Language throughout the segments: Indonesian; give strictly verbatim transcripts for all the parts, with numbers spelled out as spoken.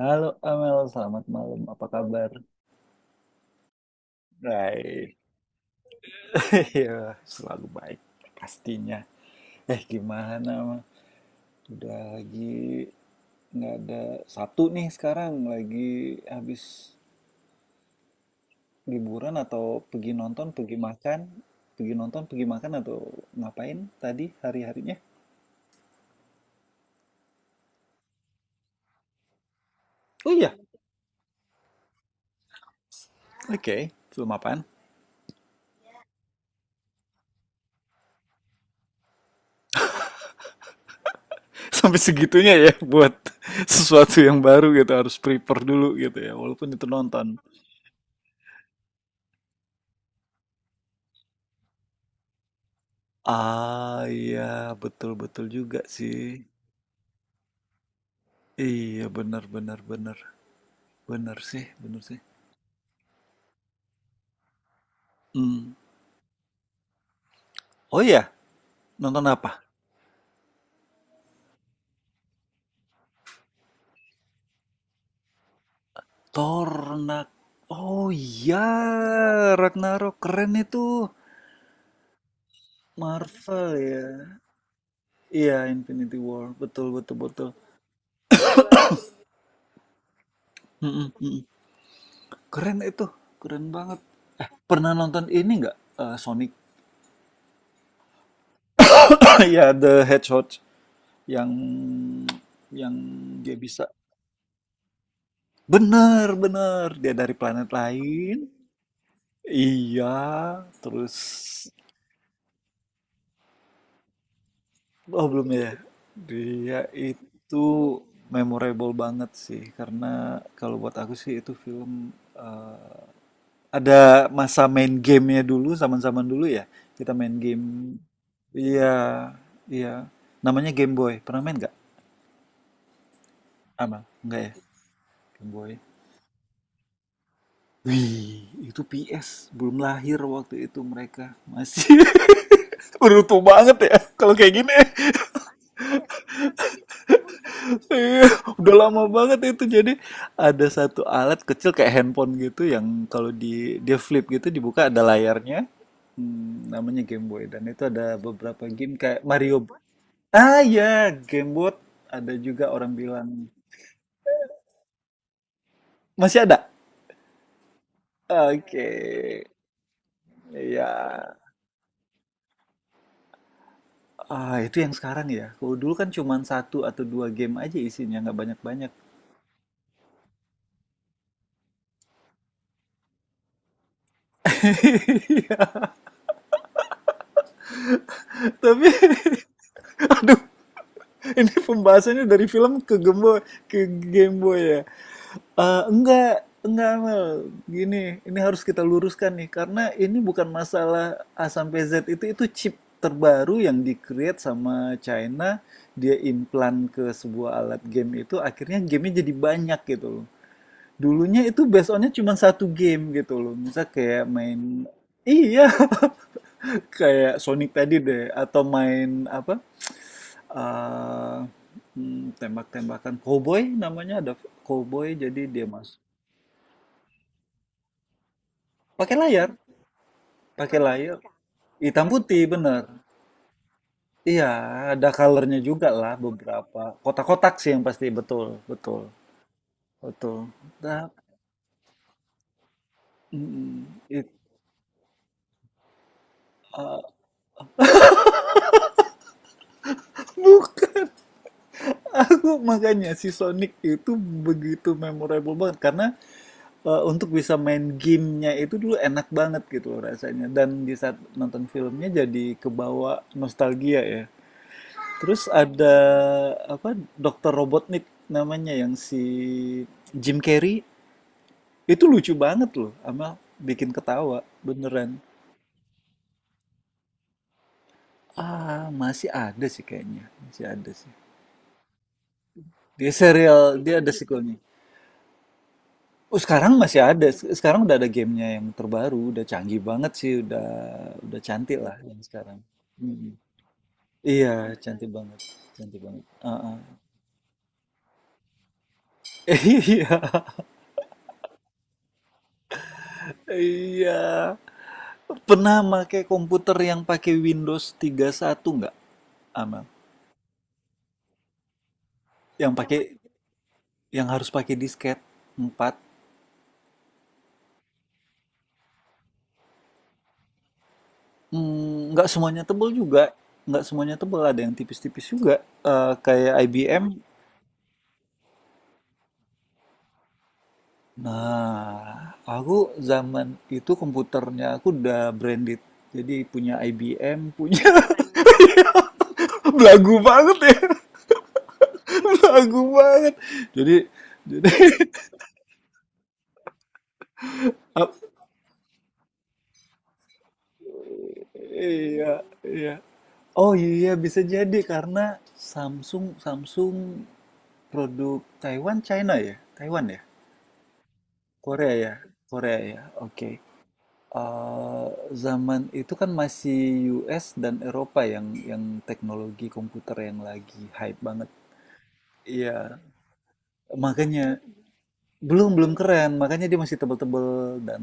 Halo Amel, selamat malam. Apa kabar? Baik, ya selalu baik pastinya. Eh gimana mah? Udah lagi nggak ada Sabtu nih sekarang lagi habis liburan atau pergi nonton, pergi makan, pergi nonton, pergi makan atau ngapain tadi hari-harinya? Oh iya, oke. Film apaan? Sampai segitunya ya buat sesuatu yang baru gitu harus prepare dulu gitu ya, walaupun itu nonton. Ah, iya, betul betul juga sih. Iya, benar benar benar. Benar sih, benar sih. Hmm. Oh iya, nonton apa? Tornak. Oh iya, Ragnarok keren itu. Marvel ya. Iya, Infinity War. Betul betul betul. Mm-mm, mm-mm. Keren itu. Keren banget. Pernah nonton ini nggak? Eh, Sonic. Ya, The Hedgehog yang yang dia bisa. Bener, bener. Dia dari planet lain. Iya, terus oh belum ya. Dia itu memorable banget sih karena kalau buat aku sih itu film, eh, ada masa main gamenya dulu, zaman-zaman dulu ya. Kita main game. Iya, iya. Namanya Game Boy. Pernah main nggak? Ama, nggak ya? Game Boy. Wih, itu P S. Belum lahir waktu itu mereka. Masih beruntung banget ya kalau kayak gini. Udah lama banget itu. Jadi ada satu alat kecil kayak handphone gitu yang kalau di dia flip gitu dibuka ada layarnya. Hmm, namanya Game Boy dan itu ada beberapa game kayak Mario. Ah ya, Game Boy ada juga orang bilang masih ada. Oke. Ya, ah, itu yang sekarang ya. Kalau dulu kan cuman satu atau dua game aja isinya, nggak banyak-banyak. Iya, tapi aduh, ini pembahasannya dari film ke Gembo ke Game Boy ya. Eh, enggak, enggak Mel. Gini, ini harus kita luruskan nih karena ini bukan masalah A sampai Z, itu itu chip terbaru yang di-create sama China, dia implant ke sebuah alat game itu akhirnya gamenya jadi banyak gitu loh. Dulunya itu based onnya cuma satu game gitu loh. Misal kayak main iya kayak Sonic tadi deh atau main apa? eh, hmm, Tembak-tembakan cowboy namanya, ada cowboy jadi dia mas pakai layar, pakai layar hitam putih bener iya, ada colornya juga lah beberapa kotak-kotak sih yang pasti, betul betul betul. Nah, mm, it- ah, bukan. Aku makanya si Sonic itu begitu memorable banget karena eh, untuk bisa main gamenya itu dulu enak banget gitu loh rasanya dan di saat nonton filmnya jadi kebawa nostalgia ya. Terus ada apa Dokter Robotnik namanya, yang si Jim Carrey, itu lucu banget loh sama bikin ketawa beneran. Ah masih ada sih kayaknya, masih ada sih. Dia serial, dia ada sequelnya. Oh, sekarang masih ada. Se- Sekarang udah ada gamenya yang terbaru, udah canggih banget sih, udah udah cantik lah yang sekarang. Mm. Iya, cantik banget, cantik banget. Uh-uh. Iya, iya. Pernah pakai komputer yang pakai Windows tiga puluh satu nggak, Amel? Yang pakai, yang harus pakai disket empat. Mm, nggak semuanya tebal juga, nggak semuanya tebal, ada yang tipis-tipis juga. Eh, kayak I B M. Nah, aku zaman itu komputernya aku udah branded. Jadi punya I B M, punya belagu banget ya. Belagu banget. Jadi jadi ap- iya, iya. Oh iya bisa jadi karena Samsung Samsung produk Taiwan China ya? Taiwan ya? Korea ya? Korea ya. Oke. Eh, Zaman itu kan masih U S dan Eropa yang yang teknologi komputer yang lagi hype banget. Iya, makanya belum belum keren, makanya dia masih tebel-tebel dan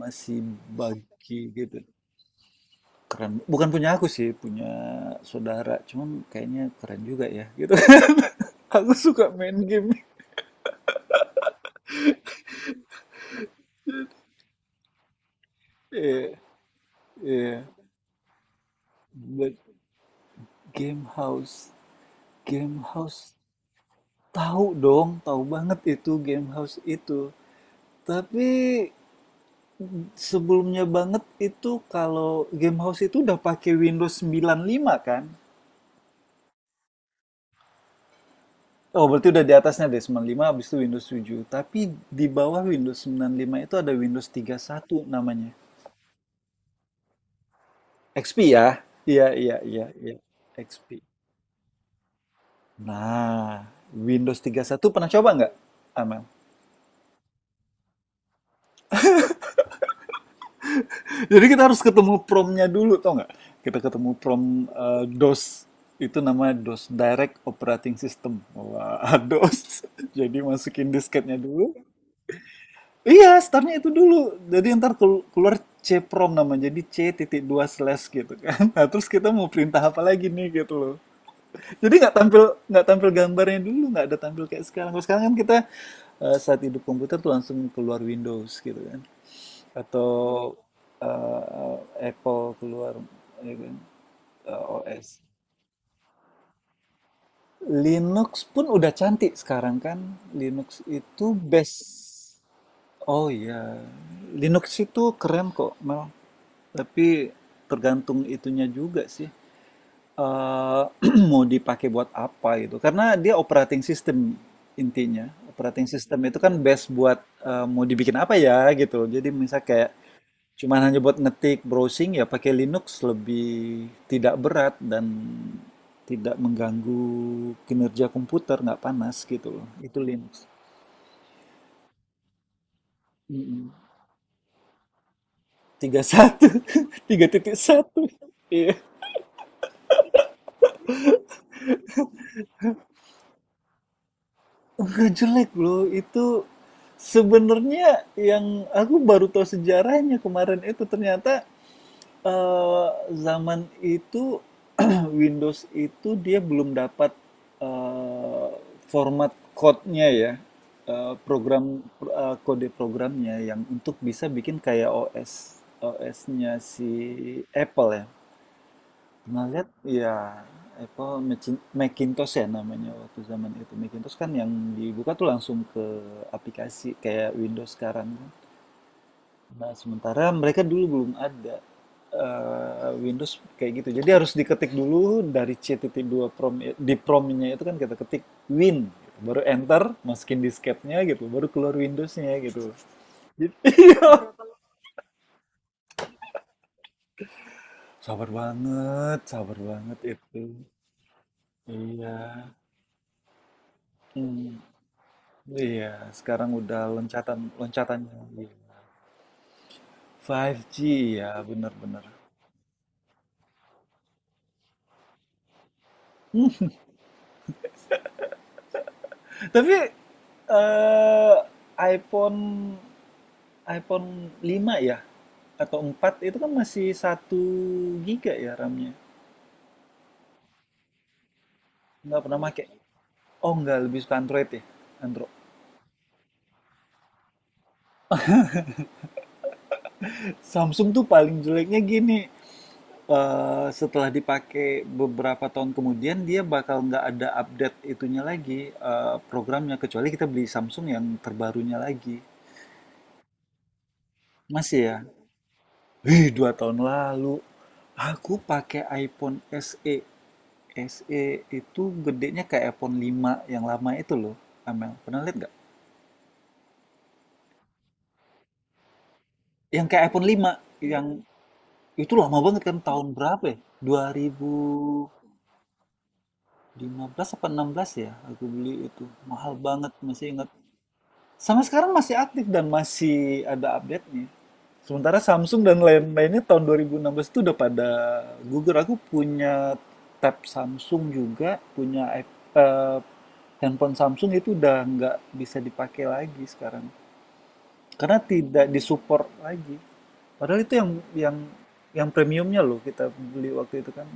masih bagi gitu. Keren. Bukan punya aku sih, punya saudara. Cuman kayaknya keren juga ya gitu. Aku suka main game. Iya, iya. Black Game House. Game House. Tahu dong, tahu banget itu Game House itu. Tapi sebelumnya banget itu kalau Game House itu udah pakai Windows sembilan puluh lima kan? Oh, berarti udah di atasnya deh, sembilan puluh lima habis itu Windows tujuh. Tapi di bawah Windows sembilan puluh lima itu ada Windows tiga puluh satu namanya. X P ya? Iya, iya, iya, iya. X P. Nah, Windows tiga puluh satu pernah coba nggak, Amel? Jadi kita harus ketemu promnya dulu, tau nggak? Kita ketemu prom eh, DOS. Itu namanya DOS Direct Operating System. Wah, DOS. Jadi masukin disketnya dulu. Iya, startnya itu dulu. Jadi ntar kelu- keluar C prom nama, jadi C titik dua slash gitu kan. Nah, terus kita mau perintah apa lagi nih gitu loh. Jadi nggak tampil, nggak tampil gambarnya dulu, nggak ada tampil kayak sekarang. Kalau sekarang kan kita, eh, saat hidup komputer tuh langsung keluar Windows gitu kan, atau eh, Apple keluar ya kan, eh, O S. Linux pun udah cantik sekarang kan. Linux itu base. Oh iya, Linux itu keren kok, Mel. Tapi tergantung itunya juga sih. Eh, mau dipakai buat apa gitu. Karena dia operating system intinya. Operating system itu kan best buat, eh, mau dibikin apa ya gitu. Jadi misal kayak cuman hanya buat ngetik browsing ya pakai Linux lebih tidak berat dan tidak mengganggu kinerja komputer, nggak panas gitu loh. Itu Linux. Tiga satu, tiga titik satu, iya. Nggak jelek loh itu sebenarnya, yang aku baru tahu sejarahnya kemarin itu ternyata eh, zaman itu Windows itu dia belum dapat, eh, format code-nya ya, eh, program pro- eh, kode programnya yang untuk bisa bikin kayak O S O S-nya si Apple ya. Pernah lihat ya Apple Macin- Macintosh ya namanya waktu zaman itu. Macintosh kan yang dibuka tuh langsung ke aplikasi kayak Windows sekarang kan. Nah, sementara mereka dulu belum ada eh, Windows kayak gitu. Jadi harus diketik dulu dari C T T dua prom, di promnya itu kan kita ketik Win gitu. Baru enter, masukin disketnya gitu, baru keluar Windowsnya gitu. Jadi sabar banget, sabar banget itu. Iya. Hmm. Iya, sekarang udah loncatan loncatannya iya. lima G ya, benar-benar. Tapi eh iPhone iPhone lima ya atau empat itu kan masih satu giga ya RAM-nya. Nggak pernah make. Oh, nggak lebih suka Android ya. Android. Samsung tuh paling jeleknya gini, eh, setelah dipakai beberapa tahun kemudian dia bakal nggak ada update itunya lagi, eh, programnya, kecuali kita beli Samsung yang terbarunya lagi. Masih ya? Wih, dua tahun lalu. Aku pakai iPhone S E. S E itu gedenya kayak iPhone lima yang lama itu loh, Amel. Pernah lihat nggak? Yang kayak iPhone lima, yang itu lama banget kan, tahun berapa ya? dua ribu lima belas apa enam belas ya aku beli itu. Mahal banget, masih ingat. Sama sekarang masih aktif dan masih ada update-nya. Sementara Samsung dan lain-lainnya tahun dua ribu enam belas itu udah pada gugur. Aku punya tab Samsung juga, punya iP- eh, handphone Samsung, itu udah nggak bisa dipakai lagi sekarang. Karena tidak disupport lagi. Padahal itu yang yang yang premiumnya loh kita beli waktu itu kan.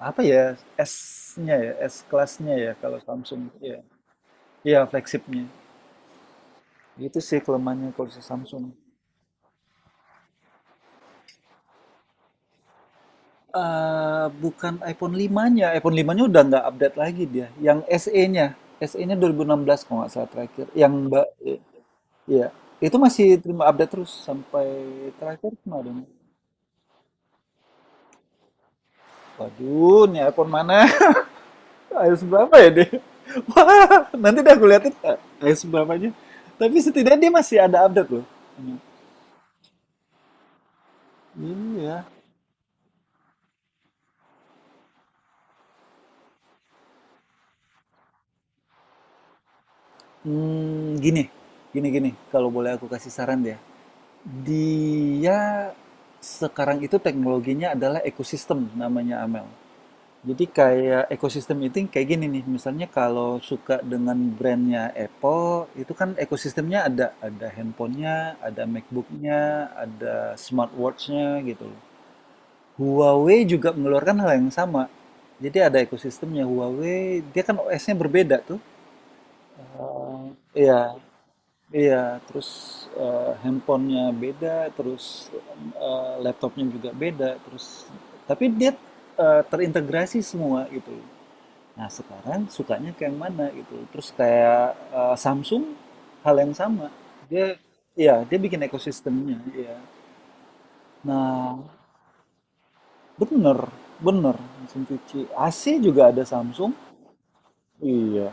Apa ya S-nya ya, S kelasnya ya kalau Samsung. Iya, iya, flagshipnya. Itu sih kelemahannya kalau si Samsung. Eh, bukan iPhone lima-nya. iPhone lima-nya udah nggak update lagi dia. Yang S E-nya. S E-nya dua ribu enam belas kalau nggak salah terakhir. Yang Mbak, iya. Itu masih terima update terus sampai terakhir kemarin. Waduh, ini iPhone mana? iOS berapa ya dia? Wah, nanti dah aku liatin, eh, iOS berapanya. Tapi setidaknya dia masih ada update loh. Ini ya. Hmm, gini, gini, gini. Kalau boleh aku kasih saran ya. Dia sekarang itu teknologinya adalah ekosistem namanya Amel. Jadi kayak ekosistem itu kayak gini nih, misalnya kalau suka dengan brandnya Apple, itu kan ekosistemnya ada, ada handphonenya, ada MacBooknya, ada smartwatchnya gitu loh. Huawei juga mengeluarkan hal yang sama. Jadi ada ekosistemnya Huawei, dia kan O S-nya berbeda tuh. Eh, Iya, Iya, terus, eee, handphone beda, terus, eee, laptopnya juga beda, terus tapi dia, eee, terintegrasi semua gitu. Nah sekarang sukanya ke yang mana gitu, terus kayak, eee, Samsung, hal yang sama. Dia ya dia bikin ekosistemnya, iya. Nah bener bener, mesin cuci. A C juga ada Samsung. Iya,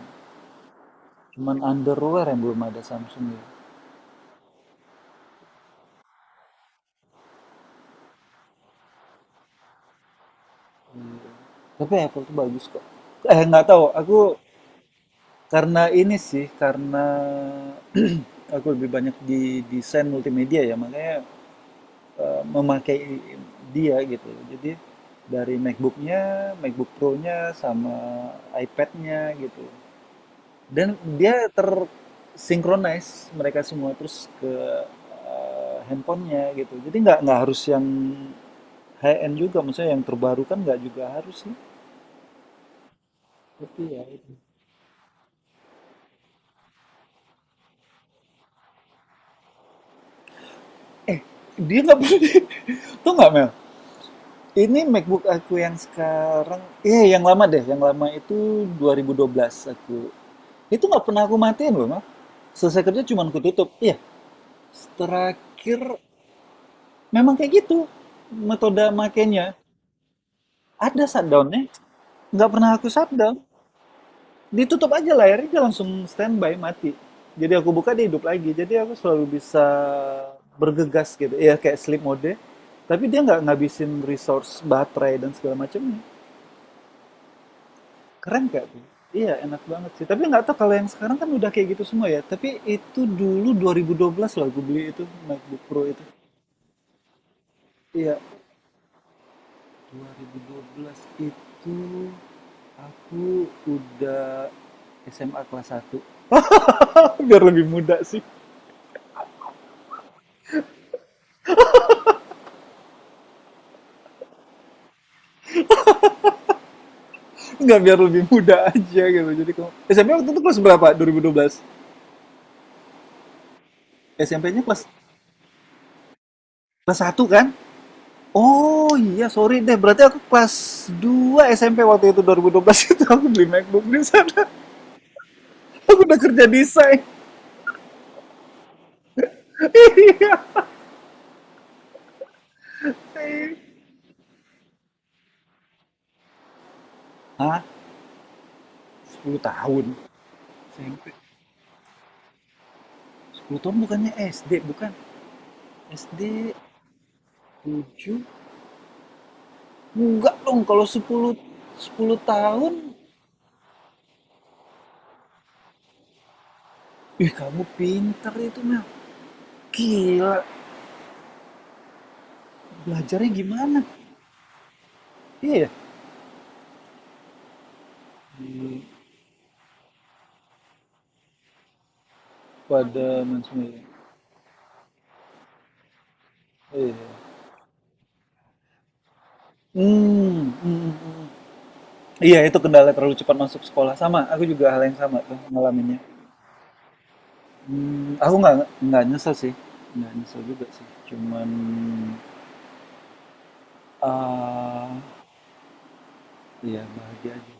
cuman underwear yang belum ada Samsung ya. Iya. Tapi Apple tuh bagus kok. Eh nggak tahu, aku. Karena ini sih, karena aku lebih banyak di desain multimedia ya, makanya, eee, memakai dia gitu. Jadi, dari MacBook-nya, MacBook Pro-nya, sama iPad-nya gitu. Dan dia ter-synchronize mereka semua, terus ke, eee, handphone-nya gitu. Jadi nggak nggak harus yang high-end juga, maksudnya yang terbaru kan nggak juga harus sih. Tapi ya itu. Eh, dia nggak pernah tuh nggak Mel, ini MacBook aku yang sekarang, eh yang lama deh, yang lama itu dua ribu dua belas aku. Itu nggak pernah aku matiin loh, Mak. Selesai kerja cuman aku tutup. Iya, terakhir memang kayak gitu metode makainya. Ada shutdownnya, nggak pernah aku shutdown. Ditutup aja layarnya, dia langsung standby, mati. Jadi aku buka, dia hidup lagi. Jadi aku selalu bisa bergegas gitu. Iya kayak sleep mode, tapi dia nggak ngabisin resource baterai dan segala macamnya. Keren gak tuh? Iya, enak banget sih. Tapi nggak tahu kalau yang sekarang kan udah kayak gitu semua ya. Tapi itu dulu dua ribu dua belas loh aku beli itu MacBook Pro itu. Iya, dua ribu dua belas itu aku udah S M A kelas satu. Biar lebih muda sih. Nggak, biar lebih muda aja gitu. Jadi kamu S M P waktu itu kelas berapa? dua ribu dua belas. S M P-nya kelas Kelas satu kan? Oh iya, sorry deh. Berarti aku kelas dua S M P waktu itu, dua nol satu dua itu aku beli MacBook di sana. Aku udah kerja desain. Hah? Sepuluh tahun. S M P. sepuluh tahun bukannya S D, bukan. S D tujuh? Enggak dong kalau sepuluh, 10 tahun. Ih, kamu pinter itu, Mel. Gila, belajarnya gimana? Iya. Ya? Di- Pada Mansumaya. Iya. Hmm, hmm, hmm. hmm. Iya, itu kendala terlalu cepat masuk sekolah. Sama, aku juga hal yang sama tuh ngalaminnya. Hmm, aku nggak nggak nyesel sih, nggak nyesel juga sih. Cuman Eee, iya bahagia aja.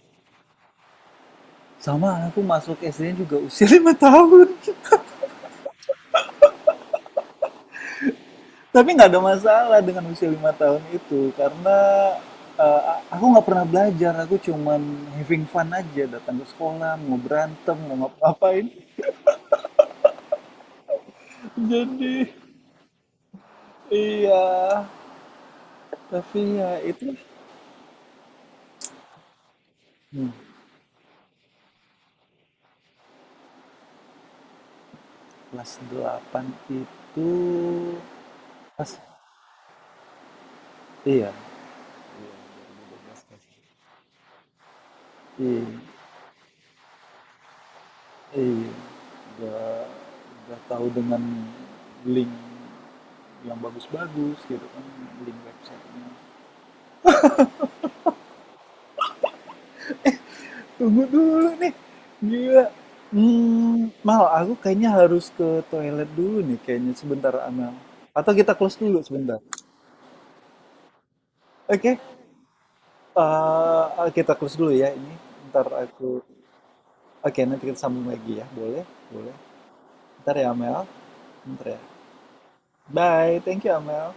Sama anakku masuk S D-nya juga usia lima tahun, tapi nggak ada masalah dengan usia lima tahun itu karena, eee, aku nggak pernah belajar, aku cuman having fun aja datang ke sekolah, mau berantem, mau ngapain. Jadi iya, tapi ya itu hmm, kelas delapan itu pas, iya, iya. eh udah udah tahu dengan link yang bagus-bagus gitu kan, link websitenya. Tunggu dulu nih, gila. Mmm, Mal, aku kayaknya harus ke toilet dulu nih kayaknya sebentar, Amel. Atau kita close dulu sebentar? Oke, eee, kita close dulu ya ini, ntar aku oke nanti kita sambung lagi ya, boleh boleh. Ntar ya, Amel, ntar ya. Bye, thank you, Amel.